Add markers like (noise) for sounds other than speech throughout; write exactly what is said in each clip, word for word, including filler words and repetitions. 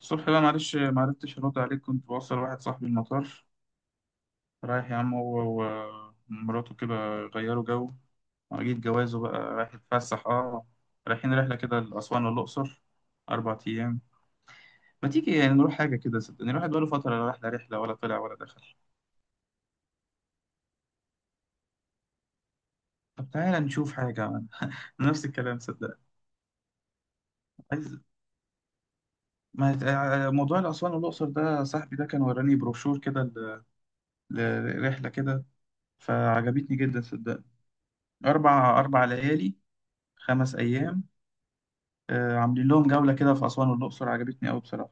الصبح بقى، معلش معرفتش ارد عليك، كنت بوصل واحد صاحبي المطار. رايح يا عم، هو و- ومراته كده، غيروا جو. جيت جوازه بقى، رايح يتفسح. اه رايحين رحلة كده لأسوان والأقصر، أربع أيام. ما تيجي يعني نروح حاجة كده؟ صدقني الواحد بقاله فترة، لا راح، لا رحلة ولا طلع ولا دخل. طب تعالى نشوف حاجة عمل. نفس الكلام، صدق. عايز. ما. آه، موضوع الأسوان والأقصر ده، صاحبي ده كان وراني بروشور كده ل- لرحلة كده، فعجبتني جدا صدقني. أربع أربع ليالي، خمس أيام. آه، عاملين لهم جولة كده في أسوان والأقصر، عجبتني أوي بصراحة.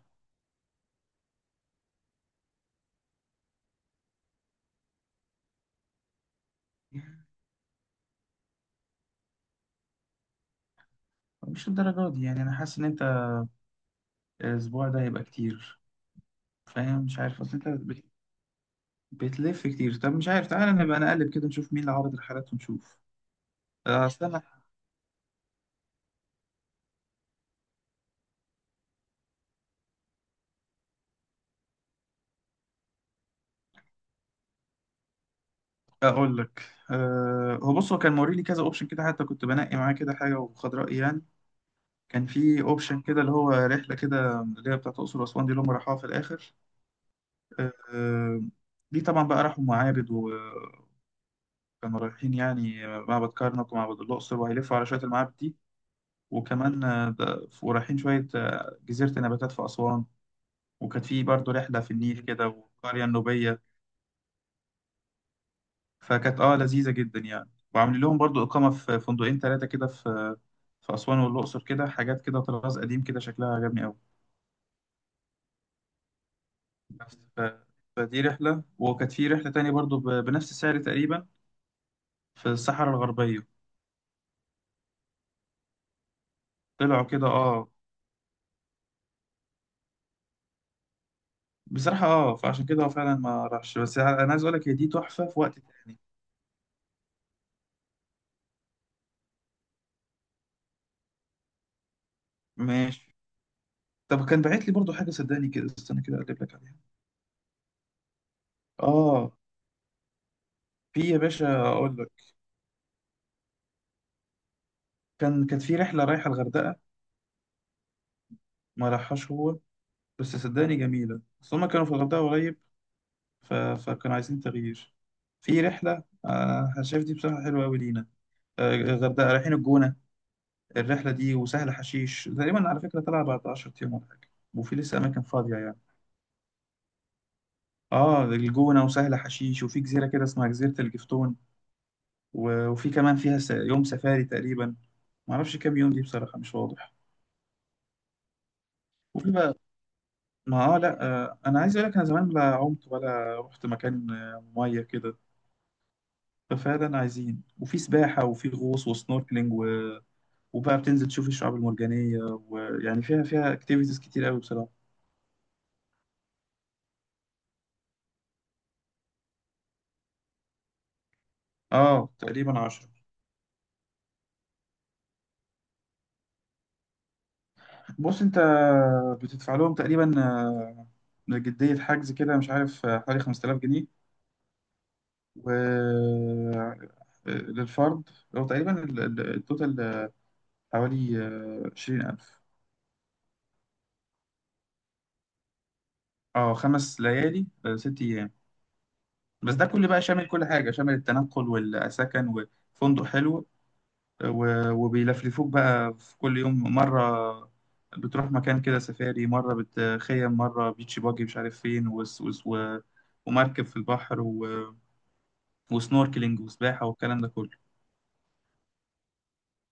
مش الدرجات دي يعني، أنا حاسس إن أنت الأسبوع ده هيبقى كتير، فاهم؟ مش عارف، أصل أنت بت- بتلف كتير. طب مش عارف، تعالى نبقى نقلب كده نشوف مين اللي عرض الرحلات ونشوف. آه، استنى أقول لك. آه، هو بص، هو كان موريلي كذا أوبشن كده، حتى كنت بنقي معاه كده حاجة وخد رأيي يعني. كان في أوبشن كده اللي هو رحلة كده اللي هي بتاعت الأقصر وأسوان دي، اللي هم راحوها في الآخر. آه، آه، دي طبعا بقى راحوا معابد و- كانوا رايحين يعني معبد كرنك ومعبد الأقصر، وهيلفوا على شوية المعابد دي. وكمان آه، ده- ورايحين شوية آه، جزيرة النباتات في أسوان. وكانت في برضه رحلة في النيل كده، والقرية النوبية. فكانت اه لذيذة جدا يعني. وعاملين لهم برضه إقامة في فندقين ثلاثة كده، في في أسوان والأقصر، كده حاجات كده طراز قديم، كده شكلها عجبني أوي. بس ف- فدي رحلة. وكانت في رحلة تانية برضه ب- بنفس السعر تقريبا، في الصحراء الغربية. طلعوا كده اه، بصراحة اه، فعشان كده هو فعلا ما راحش. بس انا عايز اقول لك هي دي تحفة في وقت تاني. ماشي. طب كان باعت لي برضو حاجة، صدقني كده استنى كده اقلب لك عليها. اه في يا باشا، اقول لك. كان، كانت في رحلة رايحة الغردقة، ما راحهاش هو، بس صدقني جميلة. بس هما كانوا في الغردقة قريب، ف... فكانوا عايزين تغيير. في رحلة، آه أنا شايف دي بصراحة حلوة أوي لينا. آه، الغردقة، رايحين الجونة، الرحلة دي وسهل حشيش تقريبا، على فكرة طلع بعد عشرة أيام ولا حاجة، وفي لسه أماكن فاضية يعني. اه الجونة وسهل حشيش، وفي جزيرة كده اسمها جزيرة الجفتون، و- وفي كمان فيها س- يوم سفاري تقريبا، معرفش كام يوم، دي بصراحة مش واضح. وفي بقى. ما اه لا آه انا عايز اقول لك، انا زمان لا عمت ولا رحت مكان آه، مية كده. ففعلا عايزين. وفي سباحة وفي غوص وسنوركلينج، و... وبقى بتنزل تشوف الشعاب المرجانية. ويعني فيها، فيها اكتيفيتيز كتير قوي بصراحة. اه تقريبا عشرة. بص انت بتدفع لهم تقريبا آه، جدية حجز كده، مش عارف، آه، حوالي خمس تلاف جنيه، و للفرد. هو تقريبا ال- ال- التوتال حوالي آه، عشرين ألف. اه، خمس ليالي آه، ست أيام. بس ده كل بقى شامل، كل حاجة شامل التنقل والسكن وفندق حلو. آه، و- وبيلفلفوك بقى في كل يوم مرة. بتروح مكان كده سفاري، مرة بتخيم، مرة بيتش باجي مش عارف فين، وس وس و... ومركب في البحر و... وسنوركلينج وسباحة والكلام ده كله.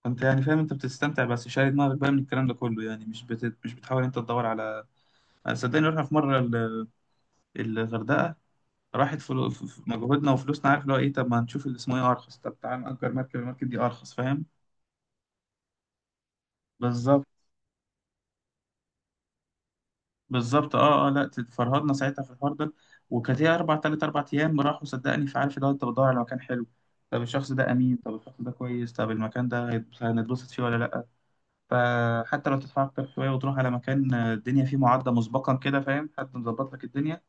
انت يعني فاهم، انت بتستمتع بس شاري دماغك بقى من الكلام ده كله، يعني مش بت... مش بتحاول انت تدور على. أنا صدقني رحنا في مره ال... الغردقه، راحت فلو... في في مجهودنا وفلوسنا، عارف اللي هو ايه؟ طب ما نشوف اللي اسمه ايه ارخص، طب تعال نأجر مركب، المركب دي ارخص، فاهم؟ بالظبط، بالظبط اه اه. لا فرهدنا ساعتها في الحوار ده. وكانت هي اربع، تلات اربع ايام راحوا، صدقني. فعارف اللي هو انت بتدور على مكان حلو، طب الشخص ده امين، طب الشخص ده كويس، طب المكان ده هيت- هنتبسط فيه ولا لا. فحتى لو تدفع أكتر شوية وتروح على مكان آه، الدنيا فيه معدة مسبقا كده، فاهم؟ حد مظبط لك الدنيا،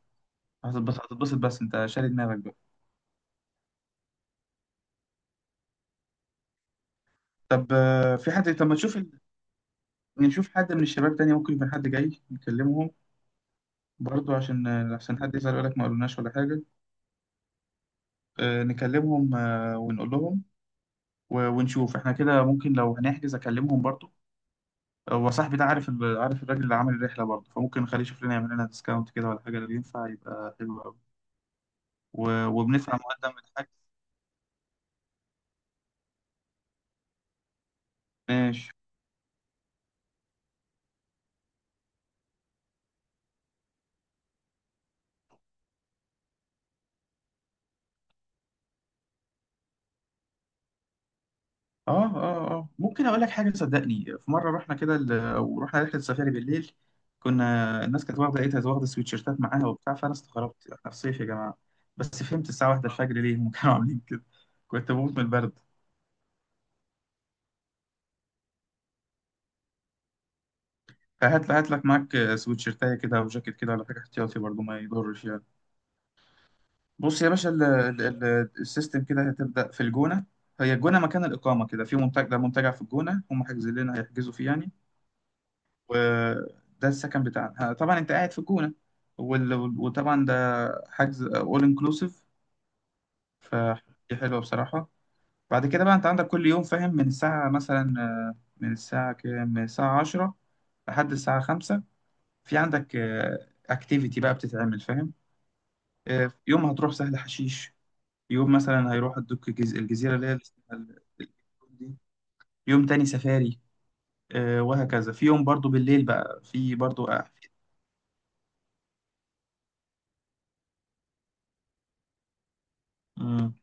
هتتبسط هتتبسط، بس أنت شاري دماغك بقى. طب آه، في حد، طب ما تشوف ال... نشوف حد من الشباب تاني، ممكن يكون حد جاي نكلمهم برضو، عشان آه، عشان حد يزعل يقول لك ما قالوناش ولا حاجة. آه، نكلمهم آه، ونقول لهم. و- ونشوف احنا كده ممكن، لو هنحجز أكلمهم برضو. هو صاحبي ده عارف ال... عارف الراجل اللي عامل الرحلة برضه، فممكن نخليه يشوف لنا يعمل لنا ديسكاونت كده ولا حاجة، لو ينفع يبقى حلو قوي. و... وبندفع مقدم الحاجة. ماشي. اه اه اه ممكن اقول لك حاجه. صدقني في مره رحنا كده، ال- ورحنا رحله سفاري بالليل. كنا، الناس كانت واخده، لقيتها واخده سويتشيرتات معاها وبتاع، فانا استغربت احنا في صيف يا جماعه. بس فهمت الساعه واحدة الفجر ليه هم (laughs) كانوا عاملين كده، كنت بموت من البرد. فهات، هات لك معاك سويتشيرتايه كده او جاكيت كده ولا حاجه احتياطي، برضو ما يضرش يعني. بص يا باشا، ال- ال- ال- السيستم كده، هتبدا في الجونه. هي الجونه مكان الاقامه كده في منتجع، ده منتجع في الجونه، هم حاجزين لنا، هيحجزوا فيه يعني. وده السكن بتاعنا، طبعا انت قاعد في الجونة. وال- وال- وطبعا ده حجز اول انكلوسيف، فدي حلوة بصراحة. بعد كده بقى انت عندك كل يوم، فاهم؟ من الساعة مثلا، آه، من الساعة كام، من الساعة عشرة لحد الساعة خمسة، في عندك اكتيفيتي بقى بتتعمل، فاهم؟ آه، يوم هتروح سهل حشيش، يوم مثلا هيروح الدك، الجز... الجزيرة اللي هي اللي اسمها ال- ال- دي. يوم تاني سفاري آه، وهكذا. في يوم برضو بالليل بقى، في برضو آه، امم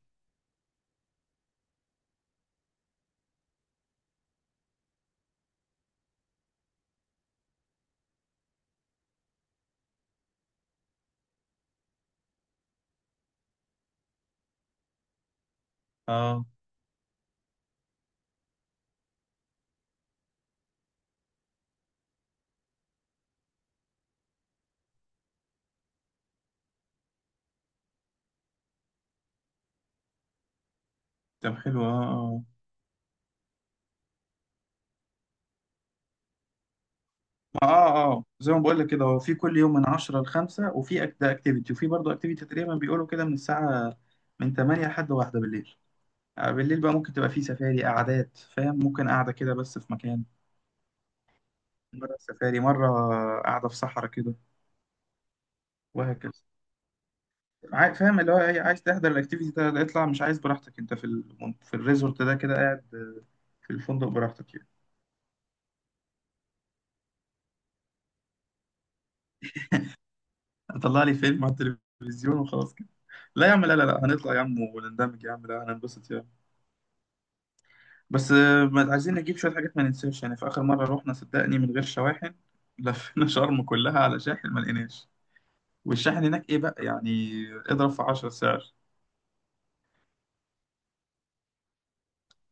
اه. طب حلو اه اه. ما اه اه زي ما بقول لك كده، هو في كل يوم من عشرة ل خمسة، وفي أك- ده اكتيفيتي. وفي برضه اكتيفيتي تقريبا بيقولوا كده من الساعة، من تمانية لحد واحدة بالليل. آه، بالليل بقى ممكن تبقى في سفاري قعدات، فاهم؟ ممكن قاعدة كده بس في مكان، مرة سفاري، مرة قاعدة في صحراء كده، وهكذا. عاي- فاهم اللي هو إيه، عايز تحضر الاكتيفيتي ده اطلع، مش عايز براحتك انت في ال... في الريزورت ده كده قاعد. آه، في الفندق براحتك يعني، اطلع لي فيلم على التلفزيون وخلاص كده. لا يا عم، لا لا لا، هنطلع يا عم، ونندمج يا عم، لا هننبسط يا عم. بس آه، ما- عايزين نجيب شوية حاجات ما ننساش. يعني في آخر مرة روحنا صدقني من غير شواحن، لفينا (laughs) شرم كلها على شاحن ما لقيناش. والشاحن هناك إيه بقى يعني، اضرب في عشرة سعر.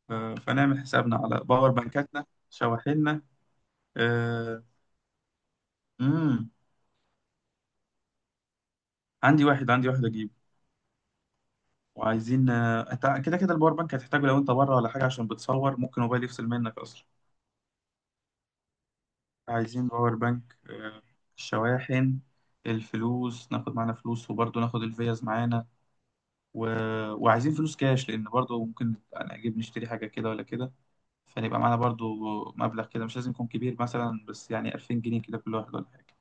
ف- فنعمل حسابنا على باور بانكاتنا، شواحننا. آه، امم عندي واحد عندي واحد أجيبه. وعايزين آه، أنت كده كده الباور بانك هتحتاجه، لو أنت بره ولا حاجة، عشان بتصور ممكن موبايل يفصل منك أصلا. عايزين باور بانك، آه، الشواحن، الفلوس، ناخد معانا فلوس، وبرضه ناخد الفيز معانا. و... وعايزين فلوس كاش، لأن برضه ممكن أنا أجيب نشتري حاجة كده ولا كده، فنبقى معانا برضه مبلغ كده مش لازم يكون كبير مثلا، بس يعني ألفين جنيه كده كل واحد ولا حاجة.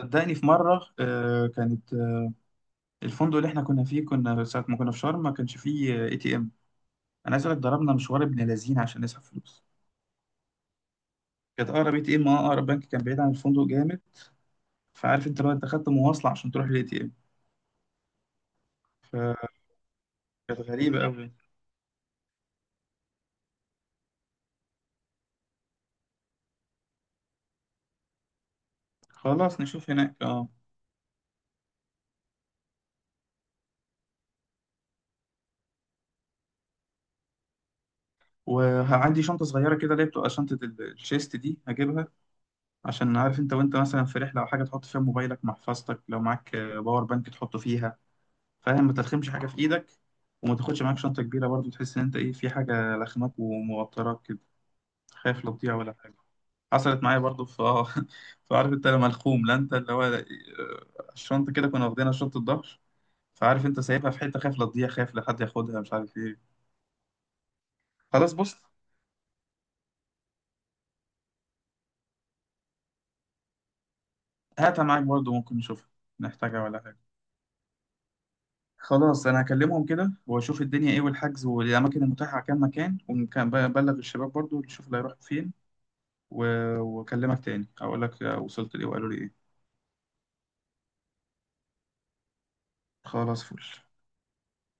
صدقني في مرة آه، كانت آه، الفندق اللي احنا كنا فيه، كنا ساعة ما كنا في شرم، ما كانش فيه اي تي ام. أنا عايز أقول لك، ضربنا مشوار ابن لذين عشان نسحب فلوس. كانت أقرب اي تي ام، اه أقرب بنك، كان بعيد عن الفندق جامد. فعارف انت لو انت خدت مواصلة عشان تروح للاي تي ام. فكانت غريبة أوي. خلاص نشوف هناك اه. وعندي شنطة صغيرة كده اللي هي بتبقى شنطة ال- الشيست دي، هجيبها. عشان عارف انت، وانت مثلا في رحلة أو حاجة، تحط فيها موبايلك، محفظتك، لو معاك آه، باور بانك تحطه فيها، فاهم؟ ما تلخمش حاجة في إيدك. وما تاخدش معاك شنطة كبيرة برضو، تحس إن أنت إيه، في حاجة لخماك وموتراك كده، خايف لا تضيع ولا حاجة. حصلت معايا برضو في اه (laughs) فعارف انت لما الخوم، لا انت اللي هو آه، الشنطة كده، كنا واخدينها شنطة ظهر. فعارف انت سايبها في حتة، خايف لا تضيع، خايف لا حد ياخدها، مش عارف ايه. خلاص بص، هاتها معاك برضه، ممكن نشوفها نحتاجها ولا حاجة. خلاص أنا هكلمهم كده، وأشوف الدنيا إيه، والحجز والأماكن المتاحة على كام مكان، وبلغ الشباب برضه نشوف اللي هيروحوا فين. و- وأكلمك تاني أقول لك وصلت لإيه وقالوا لي إيه. خلاص، فل